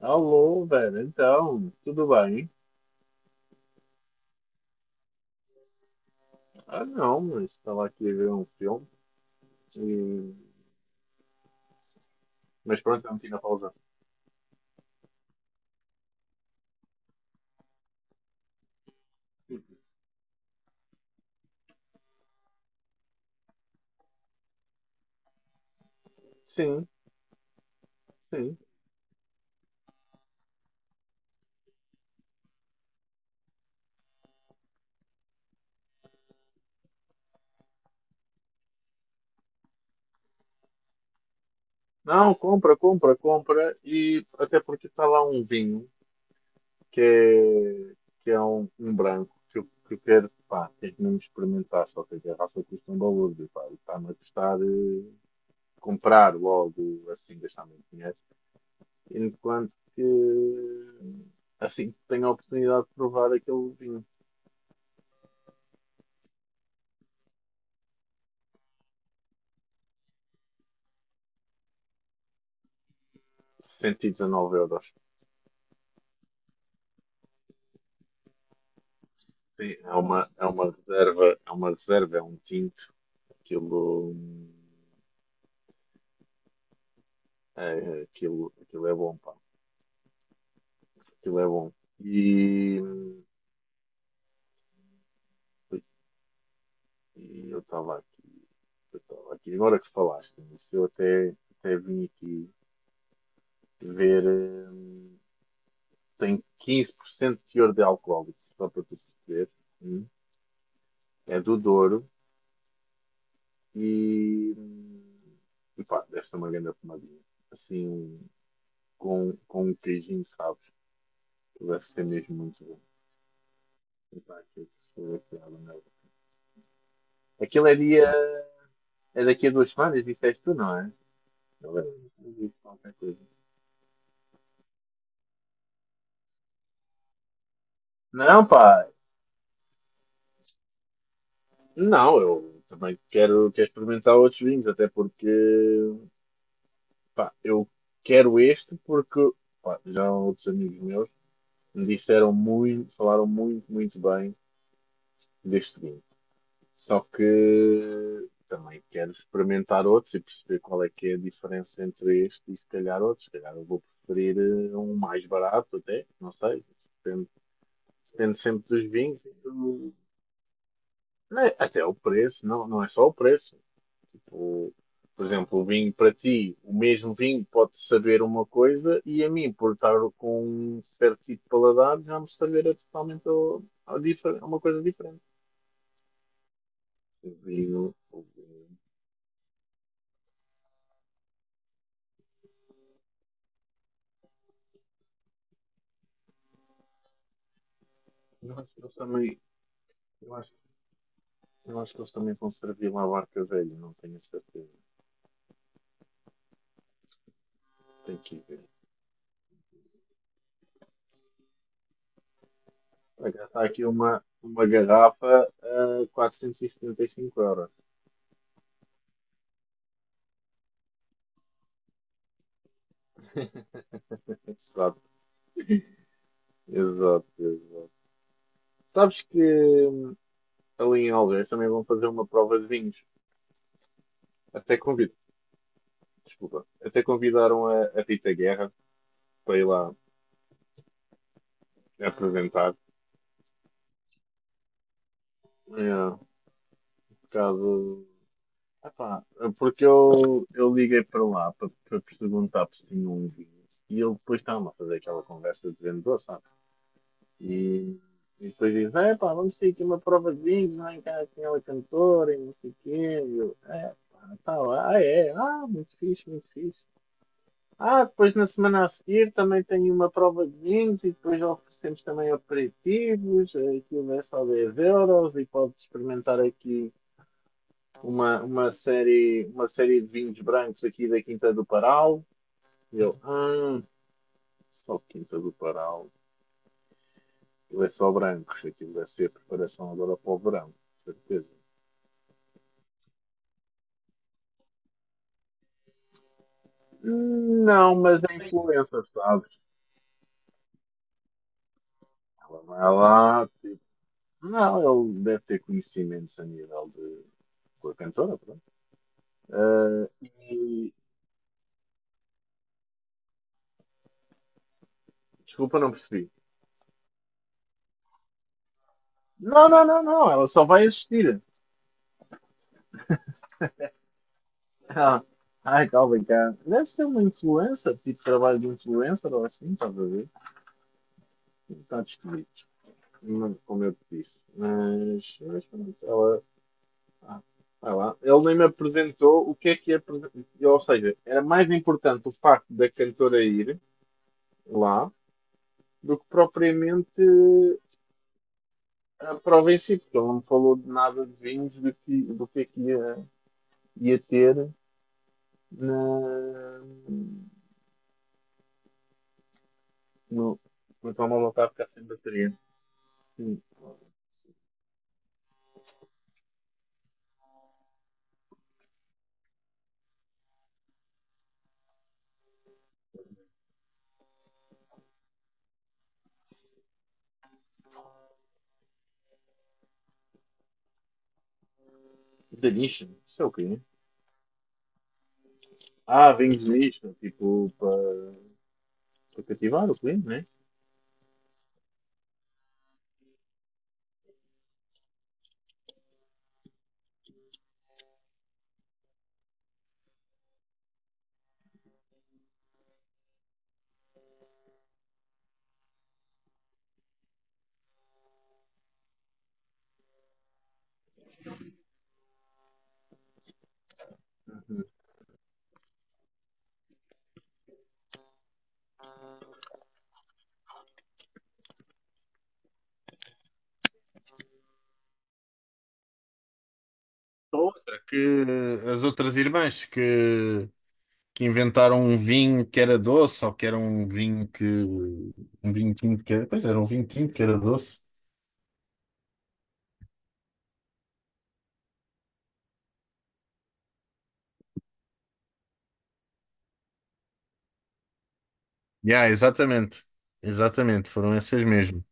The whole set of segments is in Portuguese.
Alô, velho. Então, tudo bem? Ah, não, mas estava aqui a ver um filme. E... Mas pronto, eu meti na pausa. Sim, sim. Não, compra, compra, compra. E até porque está lá um vinho que é, que é um branco que eu quero, pá, tenho que mesmo experimentar. Só que a garrafa custa um valor, e, pá, e está-me a custar comprar logo assim, gastar muito dinheiro. Enquanto que assim que tenho a oportunidade de provar aquele vinho. 119 euros. Sim, é uma, é uma reserva, é um tinto. Aquilo, é, aquilo é bom, pá. Aquilo é bom. E, e eu estava aqui, eu estava aqui. Agora que falaste nisso, até vim aqui ver. hum, Tem 15% de teor de alcoólicos, só para tu perceber. Hum. É do Douro e, hum, e pá, deve ser uma grande pomadinha. Assim, com um queijinho, sabe? Que vai ser mesmo muito bom. Epá, que pessoa que ela é. Aquilo é dia. É daqui a duas semanas, disseste tu, não é? Eu lembro, eu digo qualquer coisa. Não, pá. Não, eu também quero, quero experimentar outros vinhos, até porque. Pá, eu quero este porque. Pá, já outros amigos meus me disseram muito, falaram muito bem deste vinho. Só que também quero experimentar outros e perceber qual é que é a diferença entre este e se calhar outros. Se calhar eu vou preferir um mais barato até, não sei. Isso depende, depende sempre dos vinhos e do... É, até o preço, não, não é só o preço. Tipo, por exemplo, o vinho para ti, o mesmo vinho pode saber uma coisa e a mim, por estar com um certo tipo de paladar, já me saber totalmente uma coisa diferente. O vinho, o vinho. Nós também Eu acho, eu acho que eles também vão servir uma barca velha, não tenho a certeza. Tenho que ir ver. Por acaso está aqui uma garrafa a 475 euros. Exato, exato, exato. Sabes que hum, ali em Algés também vão fazer uma prova de vinhos. Até convido, desculpa. Até convidaram a Rita Guerra para ir lá apresentar. É, por causa epá, porque eu liguei para lá para perguntar se tinha um vinho e ele depois estava a fazer aquela conversa de vendedor, sabe? E, e depois diz: É pá, vamos ter aqui uma prova de vinhos, lá em casa tinha ela cantora e não sei o quê. E eu: É pá, tá lá, ah é, ah, muito fixe, muito fixe. Ah, depois na semana a seguir também tenho uma prova de vinhos e depois oferecemos também aperitivos, aquilo é só 10 € e podes experimentar aqui uma série de vinhos brancos aqui da Quinta do Paral. E eu, ah, só Quinta do Paral. Ele é só brancos, aquilo deve ser a preparação agora para o verão, com certeza. Não, mas é influencer, sabes? Ela não é lá, tipo, não, ele deve ter conhecimentos a nível de com a cantora, pronto. Ah, e desculpa, não percebi. Não, não, não, não, ela só vai assistir. Ah, ai, calma, cara. Deve ser uma influencer, tipo trabalho de influencer ou assim, estás a ver? Um bocado esquisito. Não, como eu te disse. Mas pronto, ela. Ah, vai lá. Ele nem me apresentou o que é que é. Ou seja, era mais importante o facto da cantora ir lá do que propriamente a prova em si, porque ele não me falou de nada de vinhos, do que é que ia ter na. No, o meu telemóvel está a ficar sem bateria. Hum, Da nicho, isso é o quê? Ah, vens nicho, tipo, para cativar o cliente, né? Outra, que as outras irmãs que inventaram um vinho que era doce, ou que era um vinho que. Um vinho tinto que era. Pois era um vinho tinto que era doce. Yeah, exatamente. Exatamente, foram essas mesmo.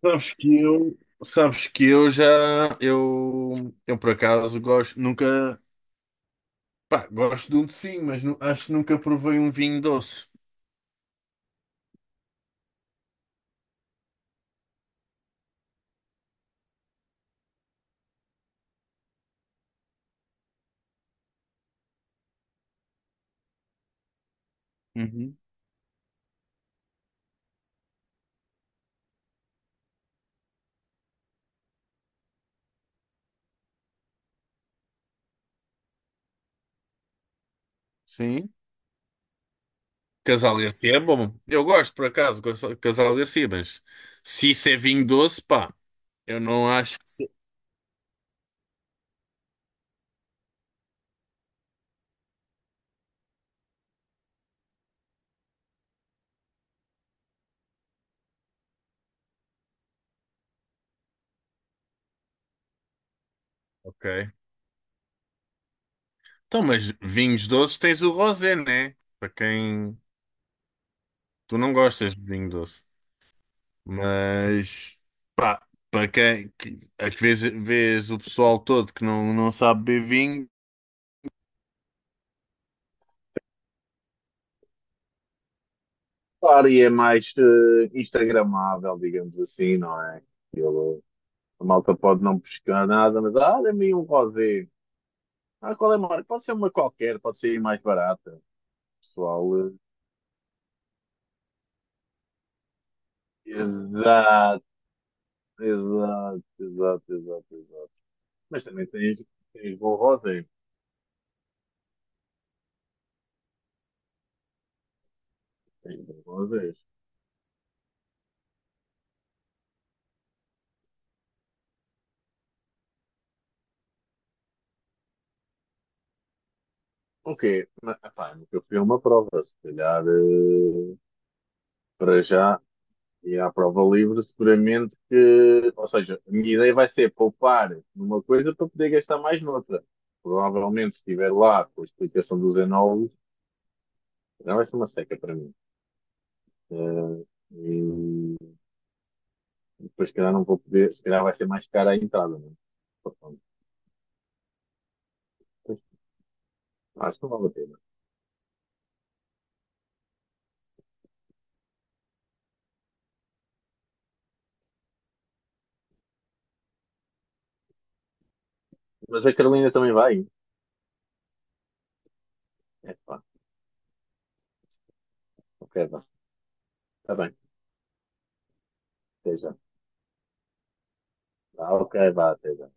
Sabes que eu. Sabes que eu já. Eu por acaso gosto. Nunca. Pá, gosto de um docinho, mas acho que nunca provei um vinho doce. Uhum. Sim. Casal Garcia é bom. Eu gosto, por acaso, gosto de Casal Garcia, mas se isso é vinho doce, pá, eu não acho. Ok. Então, mas vinhos doces tens o rosé, né? Para quem. Tu não gostas de vinho doce. Mas. Pá, para quem. A que vês, vês o pessoal todo que não, não sabe beber vinho. Claro, e é mais instagramável, digamos assim, não é? Aquilo, a malta pode não pescar nada, mas ah, dê-me aí um rosé. Ah, qual é a marca? Pode ser uma qualquer, pode ser mais barata. Pessoal, exato, exato, exato, exato, exato. Mas também tens, tens bom rosé, tens bom rosés. O quê? Mas, epá, nunca fui a uma prova, se calhar, para já. E à prova livre, seguramente que. Ou seja, a minha ideia vai ser poupar numa coisa para poder gastar mais noutra. Provavelmente, se estiver lá com a explicação dos enólogos, já vai ser uma seca para mim. Eh, E depois, se calhar, não vou poder. Se calhar, vai ser mais cara a entrada, né? Portanto, pois, acho que não vale a pena. Mas a Carolina também vai. É pá, ok, vá. Está bem, até já. Ah, ok, vá, até já.